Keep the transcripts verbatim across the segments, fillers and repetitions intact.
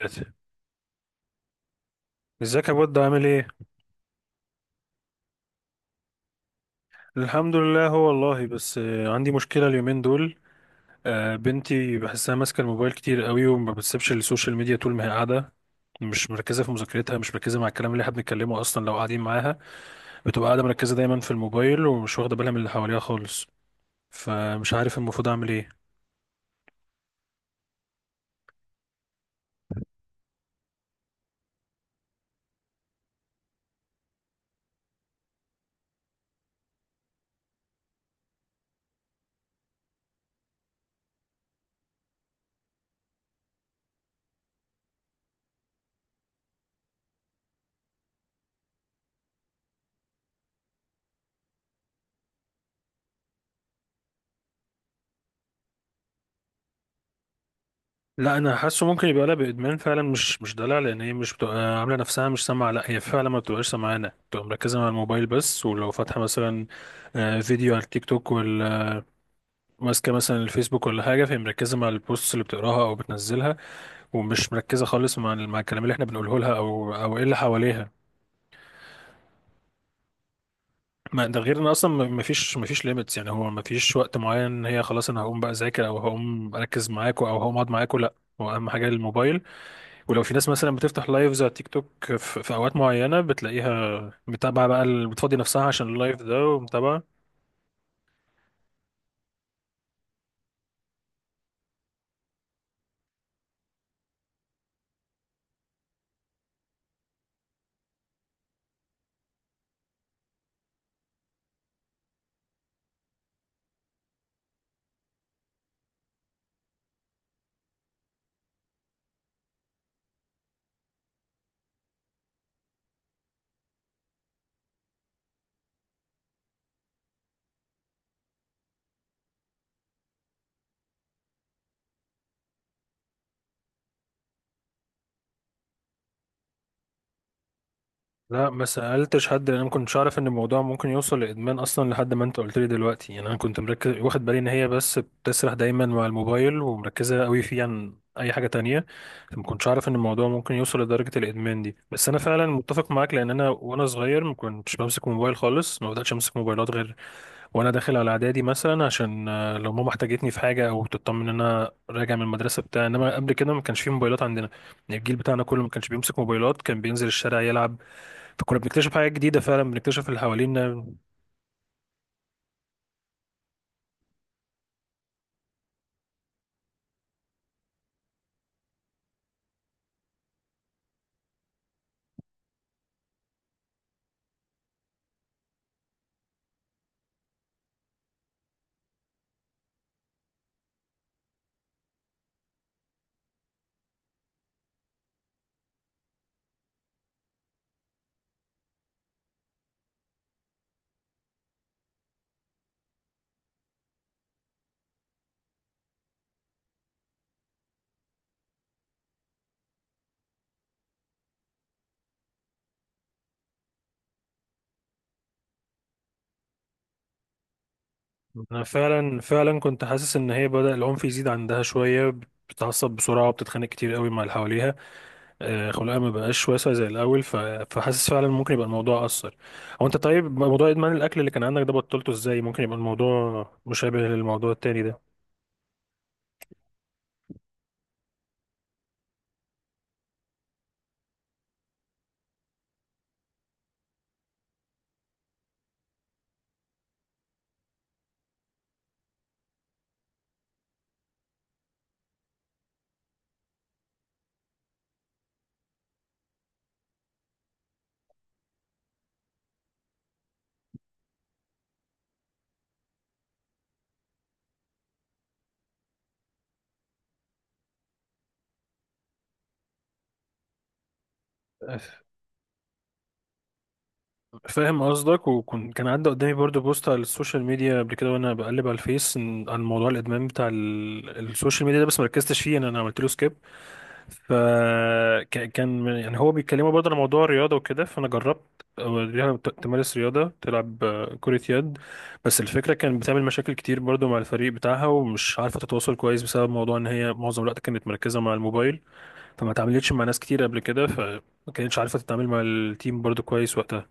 دلوقتي. ازيك يا بود، عامل ايه؟ الحمد لله. هو والله بس آه، عندي مشكله اليومين دول. آه، بنتي بحسها ماسكه الموبايل كتير قوي وما بتسيبش السوشيال ميديا طول ما هي قاعده. مش مركزه في مذاكرتها، مش مركزه مع الكلام اللي احنا بنتكلمه اصلا لو قاعدين معاها. بتبقى قاعده مركزه دايما في الموبايل ومش واخده بالها من اللي حواليها خالص. فمش عارف المفروض اعمل ايه؟ لا، انا حاسه ممكن يبقى لها بادمان فعلا، مش مش دلع، لان هي مش بتبقى عامله نفسها مش سامعه، لا هي فعلا ما بتبقاش سامعانا. بتبقى مركزه مع الموبايل بس. ولو فاتحه مثلا آه، فيديو على التيك توك، ماسكه مثلا الفيسبوك ولا حاجه، فهي مركزه مع البوست اللي بتقراها او بتنزلها، ومش مركزه خالص مع مع الكلام اللي احنا بنقوله لها او او ايه اللي حواليها. ما ده غير ان اصلا ما فيش ما فيش ليميتس، يعني هو ما فيش وقت معين ان هي خلاص انا هقوم بقى اذاكر او هقوم اركز معاكوا او هقوم اقعد معاكوا. لا، هو اهم حاجه الموبايل. ولو في ناس مثلا بتفتح لايفز على تيك توك في, في اوقات معينه، بتلاقيها متابعه بقى، ال- بتفضي نفسها عشان اللايف ده ومتابعه. لا، ما سألتش حد لأن أنا ما كنتش أعرف إن الموضوع ممكن يوصل لإدمان أصلا لحد ما أنت قلت لي دلوقتي. يعني أنا كنت مركز واخد بالي إن هي بس بتسرح دايما مع الموبايل ومركزة قوي فيه عن أي حاجة تانية، فما كنتش أعرف إن الموضوع ممكن يوصل لدرجة الإدمان دي. بس أنا فعلا متفق معاك، لأن أنا وأنا صغير ما كنتش بمسك موبايل خالص، ما بدأتش أمسك موبايلات غير وأنا داخل على إعدادي مثلا، عشان آه، لو ماما احتاجتني في حاجة أو تطمن إن أنا راجع من المدرسة بتاع. إنما قبل كده ما كانش فيه موبايلات عندنا. يعني الجيل بتاعنا كله ما كانش بيمسك موبايلات، كان بينزل الشارع يلعب. فكنا بنكتشف حاجات جديدة فعلا، بنكتشف اللي حوالينا. أنا فعلا فعلا كنت حاسس إن هي بدأ العنف يزيد عندها شوية. بتتعصب بسرعة وبتتخانق كتير قوي مع اللي حواليها. آه، خلقها ما بقاش واسع زي الأول. ف... فحاسس فعلا ممكن يبقى الموضوع أثر. هو أنت، طيب، موضوع إدمان الأكل اللي كان عندك ده بطلته إزاي؟ ممكن يبقى الموضوع مشابه للموضوع التاني ده؟ فاهم قصدك. وكان كان عدى قدامي برضو بوست على السوشيال ميديا قبل كده وانا بقلب على الفيس، إن- عن موضوع الادمان بتاع ال- السوشيال ميديا ده، بس مركزتش فيه، انا أنا عملت له سكيب. فكان يعني هو بيتكلموا برضه على موضوع الرياضة وكده، فأنا جربت أوريها ت- تمارس رياضة، تلعب آه، كرة يد. بس الفكرة، كان بتعمل مشاكل كتير برضه مع الفريق بتاعها ومش عارفة تتواصل كويس بسبب موضوع إن هي معظم الوقت كانت مركزة مع الموبايل، فما اتعاملتش مع ناس كتير قبل كده، فما كانتش عارفة تتعامل مع التيم برضه كويس وقتها.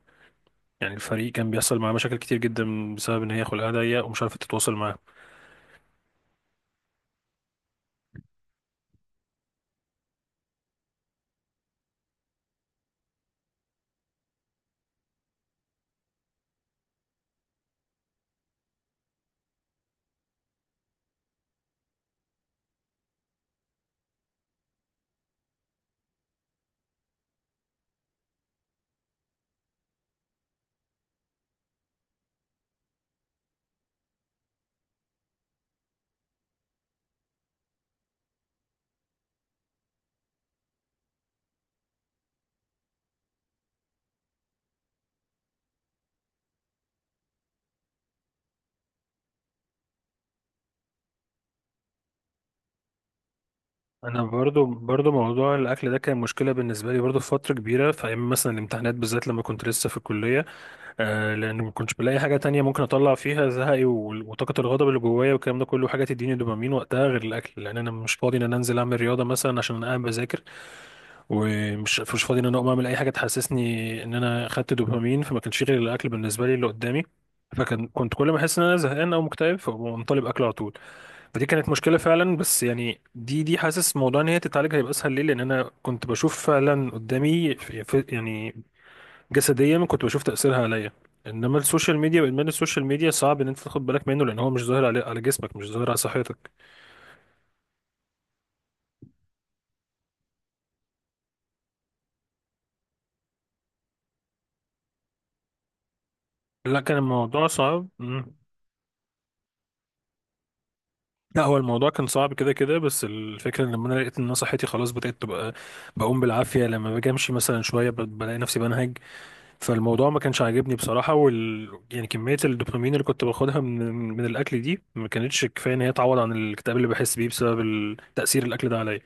يعني الفريق كان بيحصل معاه مشاكل كتير جدا بسبب إن هي خلقها ضيق ومش عارفة تتواصل معاه. انا برضو برضو موضوع الاكل ده كان مشكله بالنسبه لي برضو في فتره كبيره، في ايام مثلا الامتحانات بالذات لما كنت لسه في الكليه. آه، لان ما كنتش بلاقي حاجه تانية ممكن اطلع فيها زهقي وال- وطاقه الغضب اللي جوايا والكلام ده كله، حاجه تديني دوبامين وقتها غير الاكل، لان انا مش فاضي ان انا انزل اعمل رياضه مثلا عشان انا قاعد بذاكر. ومش مش فاضي ان انا اقوم اعمل اي حاجه تحسسني ان انا خدت دوبامين، فما كانش غير الاكل بالنسبه لي اللي قدامي. فكان كنت كل ما احس ان انا زهقان او مكتئب، فاقوم طالب اكل على طول. فدي كانت مشكلة فعلا. بس يعني، دي دي حاسس موضوع ان هي تتعالج هيبقى اسهل ليه، لان انا كنت بشوف فعلا قدامي في في- يعني جسديا كنت بشوف تأثيرها عليا. انما السوشيال ميديا وادمان السوشيال ميديا، صعب ان انت تاخد بالك منه، لان هو مش ظاهر على على جسمك، مش ظاهر على صحتك. لا، كان الموضوع صعب. مم. لا، هو الموضوع كان صعب كده كده، بس الفكرة ان لما انا لقيت ان انا صحتي خلاص بدأت تبقى بقوم بالعافية، لما باجي امشي مثلا شوية ب- بلاقي نفسي بنهج. فالموضوع ما كانش عاجبني بصراحة. وال... يعني كمية الدوبامين اللي كنت باخدها من من الأكل دي ما كانتش كفاية إن هي تعوض عن الاكتئاب اللي بحس بيه بسبب ال- تأثير الأكل ده عليا.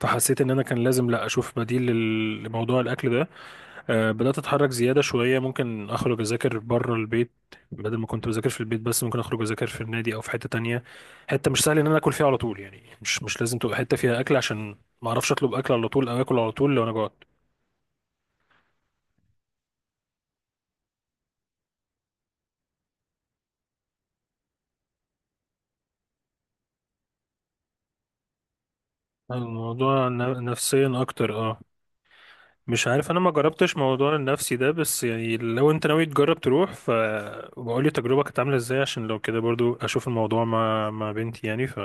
فحسيت إن أنا كان لازم، لا، أشوف بديل لل- لموضوع الأكل ده. آه، بدأت أتحرك زيادة شوية، ممكن أخرج أذاكر بره البيت بدل ما كنت بذاكر في البيت بس. ممكن أخرج أذاكر في النادي أو في حتة تانية، حتة مش سهل إن أنا آكل فيها على طول، يعني مش مش لازم تبقى حتة فيها أكل، عشان ما أعرفش أطلب أكل على طول أو آكل على طول لو أنا جوعت. الموضوع ن- نفسيا أكتر أه مش عارف، انا ما جربتش موضوع النفسي ده، بس يعني لو انت ناوي تجرب تروح فبقول لي تجربة كانت عاملة ازاي، عشان لو كده برضو اشوف الموضوع مع مع بنتي. يعني ف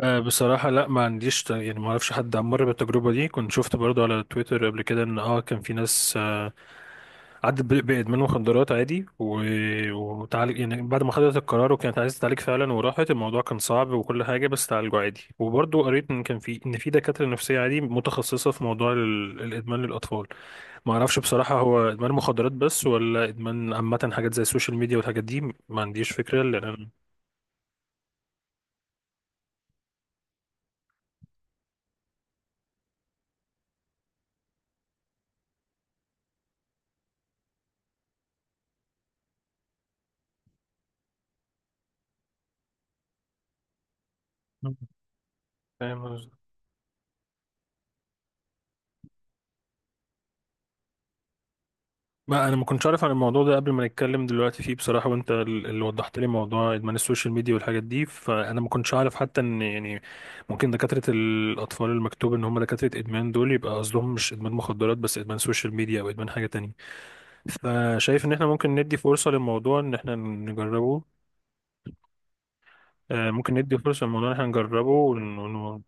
آه، بصراحة، لا، ما عنديش ت- يعني، ما اعرفش حد مر بالتجربة دي. كنت شفت برضو على تويتر قبل كده ان اه كان في ناس، آه، عدت ب- بإدمان مخدرات عادي و... وتعالج. يعني بعد ما خدت القرار وكانت عايزة تتعالج فعلا وراحت، الموضوع كان صعب وكل حاجة، بس تعالجوا عادي. وبرضو قريت ان كان في، ان في دكاترة نفسية عادي متخصصة في موضوع ال... الإدمان للأطفال. ما اعرفش بصراحة هو ادمان مخدرات بس ولا ادمان عامة حاجات زي السوشيال ميديا والحاجات دي. ما عنديش فكرة، لان انا مم. فاهم قصدك. ما انا ما كنتش عارف عن الموضوع ده قبل ما نتكلم دلوقتي فيه بصراحة، وانت ال- اللي وضحت لي موضوع ادمان السوشيال ميديا والحاجات دي، فانا ما كنتش عارف حتى ان يعني ممكن دكاترة الاطفال المكتوب ان هم دكاترة ادمان دول يبقى قصدهم مش ادمان مخدرات بس، ادمان سوشيال ميديا او ادمان حاجة تانية. فشايف ان احنا ممكن ندي فرصة للموضوع ان احنا نجربه. آه، ممكن ندي فرصة للموضوع ان احنا نجربه ون- ون-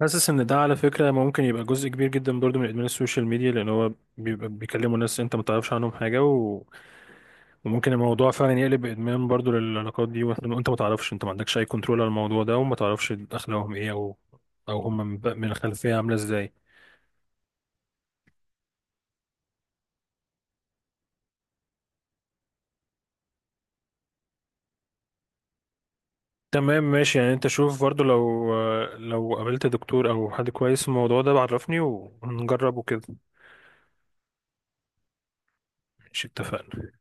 حاسس ان ده على فكرة ممكن يبقى جزء كبير جدا برضو من ادمان السوشيال ميديا، لان هو بيبقى بيكلموا ناس انت ما تعرفش عنهم حاجة و... وممكن الموضوع فعلا يقلب ادمان برضو للعلاقات دي، وانت وإنت ما تعرفش، انت ما عندكش اي كنترول على الموضوع ده وما تعرفش اخلاقهم ايه او او هم من من الخلفية عاملة ازاي. تمام، ماشي. يعني انت شوف برضو لو لو قابلت دكتور او حد كويس في الموضوع ده بعرفني ونجربه كده. ماشي، اتفقنا.